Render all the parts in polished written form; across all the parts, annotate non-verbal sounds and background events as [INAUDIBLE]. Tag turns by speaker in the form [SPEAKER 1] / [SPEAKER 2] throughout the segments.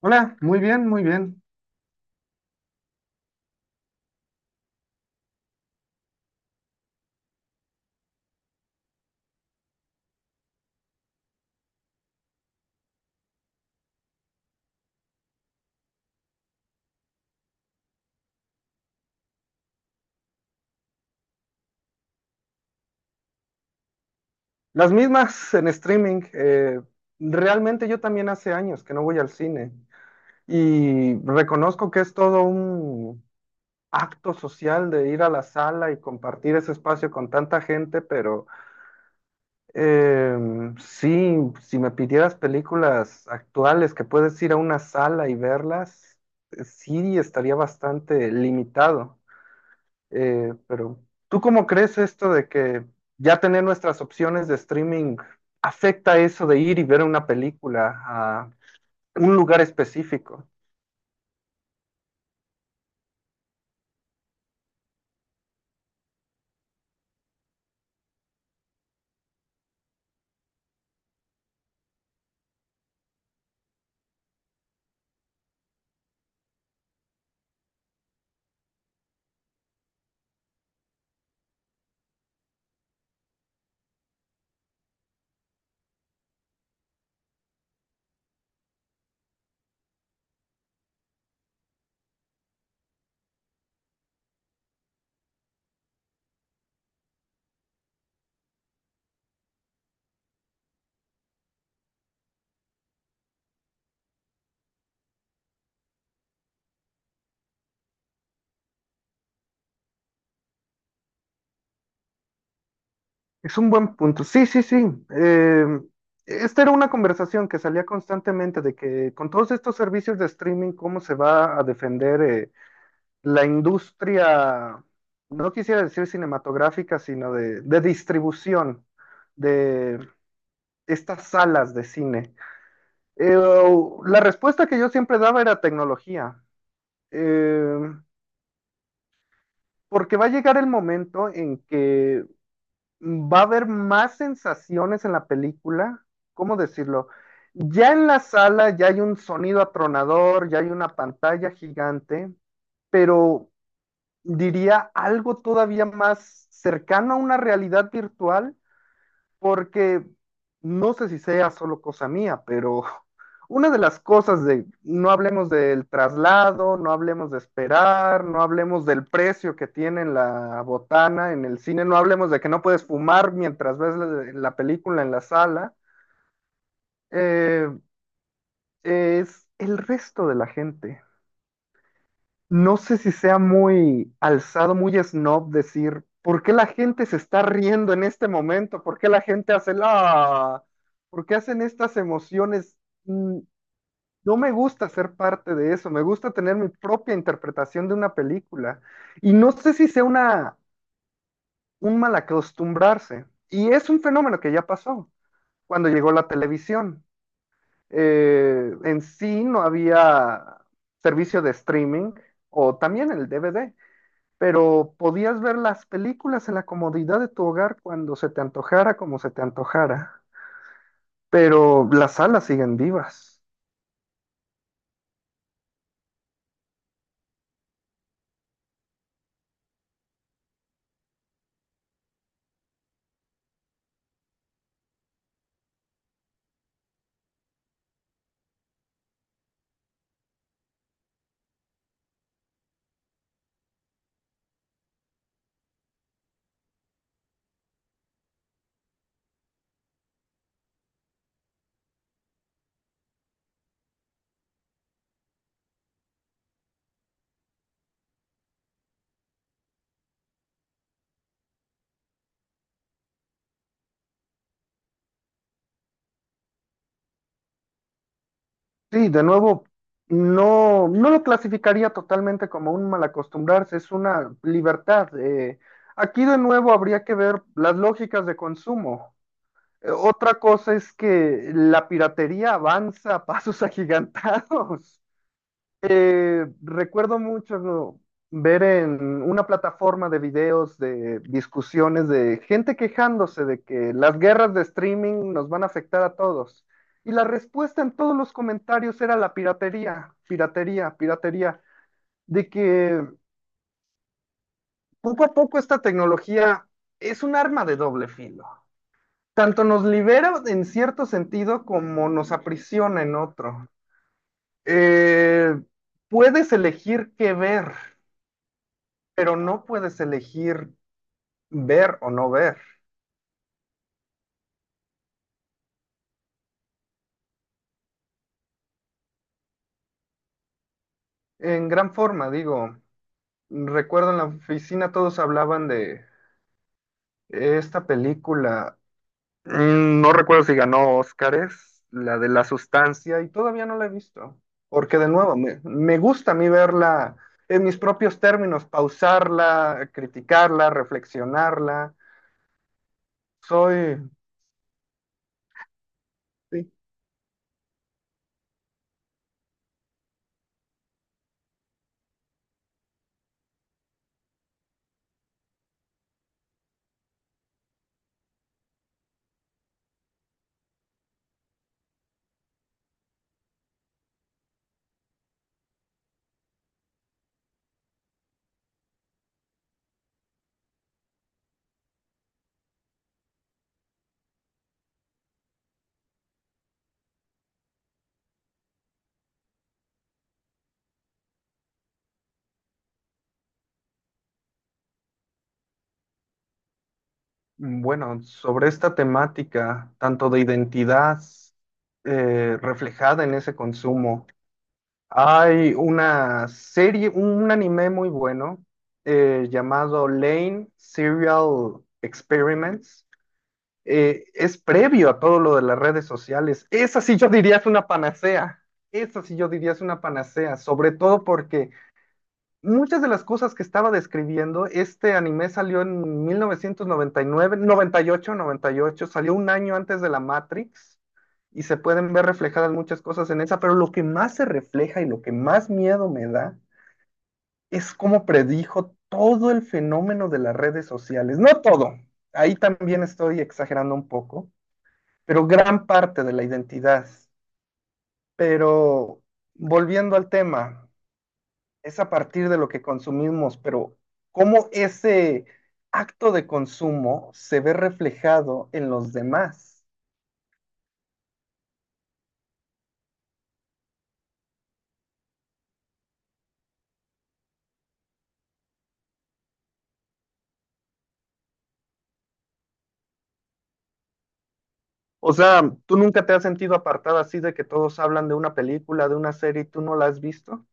[SPEAKER 1] Hola, muy bien, muy bien. Las mismas en streaming. Realmente yo también hace años que no voy al cine y reconozco que es todo un acto social de ir a la sala y compartir ese espacio con tanta gente, pero sí, si me pidieras películas actuales que puedes ir a una sala y verlas, sí estaría bastante limitado. Pero ¿tú cómo crees esto de que ya tener nuestras opciones de streaming afecta eso de ir y ver una película a un lugar específico? Es un buen punto. Sí, sí, sí. Eh, Esta era una conversación que salía constantemente de que con todos estos servicios de streaming, ¿cómo se va a defender la industria, no quisiera decir cinematográfica, sino de distribución de estas salas de cine? Eh, la respuesta que yo siempre daba era tecnología, eh, porque va a llegar el momento en que va a haber más sensaciones en la película, ¿cómo decirlo? Ya en la sala ya hay un sonido atronador, ya hay una pantalla gigante, pero diría algo todavía más cercano a una realidad virtual, porque no sé si sea solo cosa mía, pero una de las cosas de, no hablemos del traslado, no hablemos de esperar, no hablemos del precio que tiene la botana en el cine, no hablemos de que no puedes fumar mientras ves la película en la sala, eh, es el resto de la gente. No sé si sea muy alzado, muy snob decir, ¿por qué la gente se está riendo en este momento? ¿Por qué la gente hace la... ¿Por qué hacen estas emociones? Mm, No me gusta ser parte de eso, me gusta tener mi propia interpretación de una película. Y no sé si sea un mal acostumbrarse. Y es un fenómeno que ya pasó cuando llegó la televisión. En sí no había servicio de streaming o también el DVD, pero podías ver las películas en la comodidad de tu hogar cuando se te antojara, como se te antojara. Pero las salas siguen vivas. Sí, de nuevo, no, no lo clasificaría totalmente como un mal acostumbrarse, es una libertad. Aquí de nuevo habría que ver las lógicas de consumo. Otra cosa es que la piratería avanza a pasos [LAUGHS] agigantados. Recuerdo mucho ver en una plataforma de videos de discusiones de gente quejándose de que las guerras de streaming nos van a afectar a todos. Y la respuesta en todos los comentarios era la piratería, piratería, piratería, de que poco a poco esta tecnología es un arma de doble filo. Tanto nos libera en cierto sentido como nos aprisiona en otro. Eh, Puedes elegir qué ver, pero no puedes elegir ver o no ver. En gran forma, digo, recuerdo en la oficina todos hablaban de esta película, mm, no recuerdo si ganó Óscares, la de la sustancia, y todavía no la he visto, porque de nuevo, me gusta a mí verla en mis propios términos, pausarla, criticarla, reflexionarla. Soy, sí, mm, bueno, sobre esta temática, tanto de identidad reflejada en ese consumo, hay una serie, un anime muy bueno llamado Lane Serial Experiments. Es previo a todo lo de las redes sociales. Esa sí yo diría es una panacea. Esa sí yo diría es una panacea, sobre todo porque muchas de las cosas que estaba describiendo, este anime salió en 1999, 98, 98, salió un año antes de la Matrix y se pueden ver reflejadas muchas cosas en esa, pero lo que más se refleja y lo que más miedo me da es cómo predijo todo el fenómeno de las redes sociales. No todo, ahí también estoy exagerando un poco, pero gran parte de la identidad. Pero volviendo al tema, es a partir de lo que consumimos, pero cómo ese acto de consumo se ve reflejado en los demás. O sea, ¿tú nunca te has sentido apartada así de que todos hablan de una película, de una serie y tú no la has visto?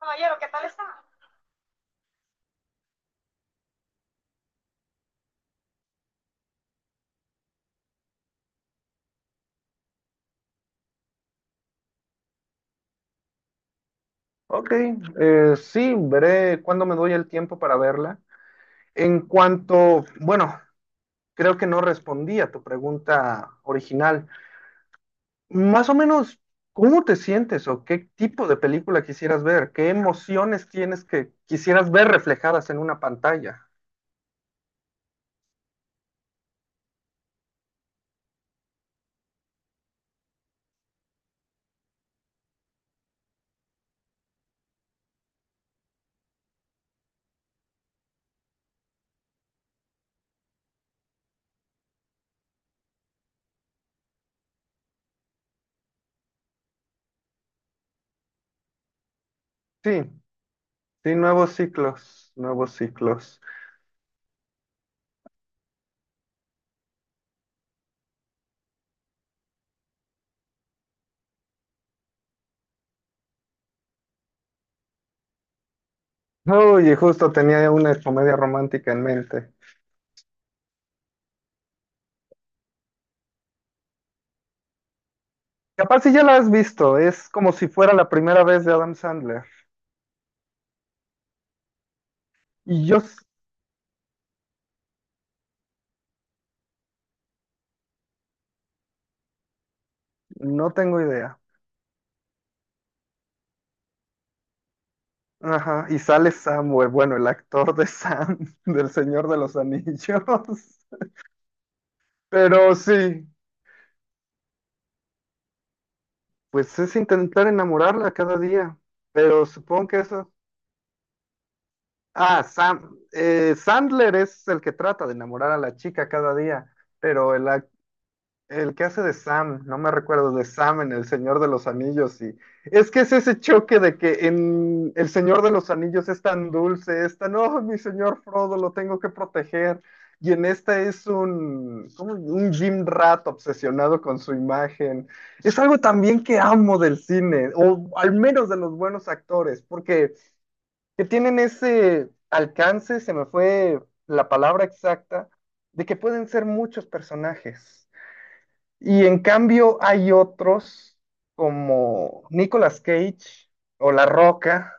[SPEAKER 1] Caballero, ¿qué tal está? Ok, sí, veré cuándo me doy el tiempo para verla. En cuanto, bueno, creo que no respondí a tu pregunta original. Más o menos, ¿cómo te sientes o qué tipo de película quisieras ver? ¿Qué emociones tienes que quisieras ver reflejadas en una pantalla? Sí, sí, nuevos ciclos, nuevos ciclos. Oye, justo tenía una comedia romántica en mente. Capaz si ya la has visto, es como si fuera la primera vez de Adam Sandler. Y yo s- no tengo idea. Ajá, y sale Samuel, bueno, el actor de Sam, [LAUGHS] del Señor de los Anillos. [LAUGHS] Pero sí. Pues es intentar enamorarla cada día, pero supongo que eso... Ah, Sam, Sandler es el que trata de enamorar a la chica cada día, pero el que hace de Sam, no me recuerdo, de Sam en El Señor de los Anillos. Y es que es ese choque de que en El Señor de los Anillos es tan dulce, es tan, oh, mi señor Frodo, lo tengo que proteger. Y en esta es un, como un Jim Rat obsesionado con su imagen. Es algo también que amo del cine, o al menos de los buenos actores, porque que tienen ese alcance, se me fue la palabra exacta, de que pueden ser muchos personajes y en cambio hay otros como Nicolas Cage o La Roca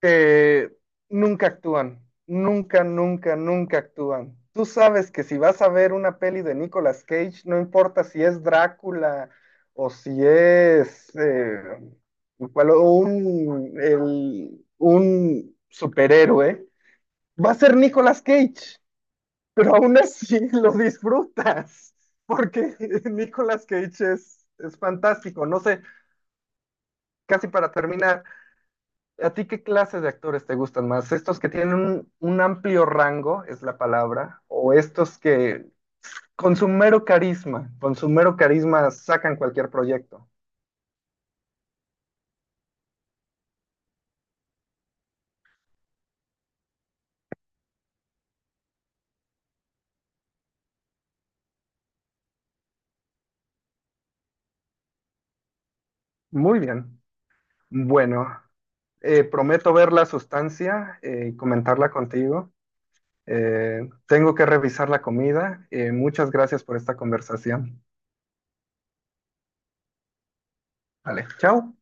[SPEAKER 1] que nunca actúan, nunca, nunca, nunca actúan. Tú sabes que si vas a ver una peli de Nicolas Cage, no importa si es Drácula o si es un superhéroe, va a ser Nicolas Cage pero aún así [LAUGHS] lo disfrutas, porque [LAUGHS] Nicolas Cage es fantástico. No sé, casi para terminar, ¿a ti qué clase de actores te gustan más? ¿Estos que tienen un amplio rango, es la palabra, o estos que con su mero carisma, con su mero carisma sacan cualquier proyecto? Muy bien. Bueno, prometo ver la sustancia y comentarla contigo. Tengo que revisar la comida. Muchas gracias por esta conversación. Vale, chao.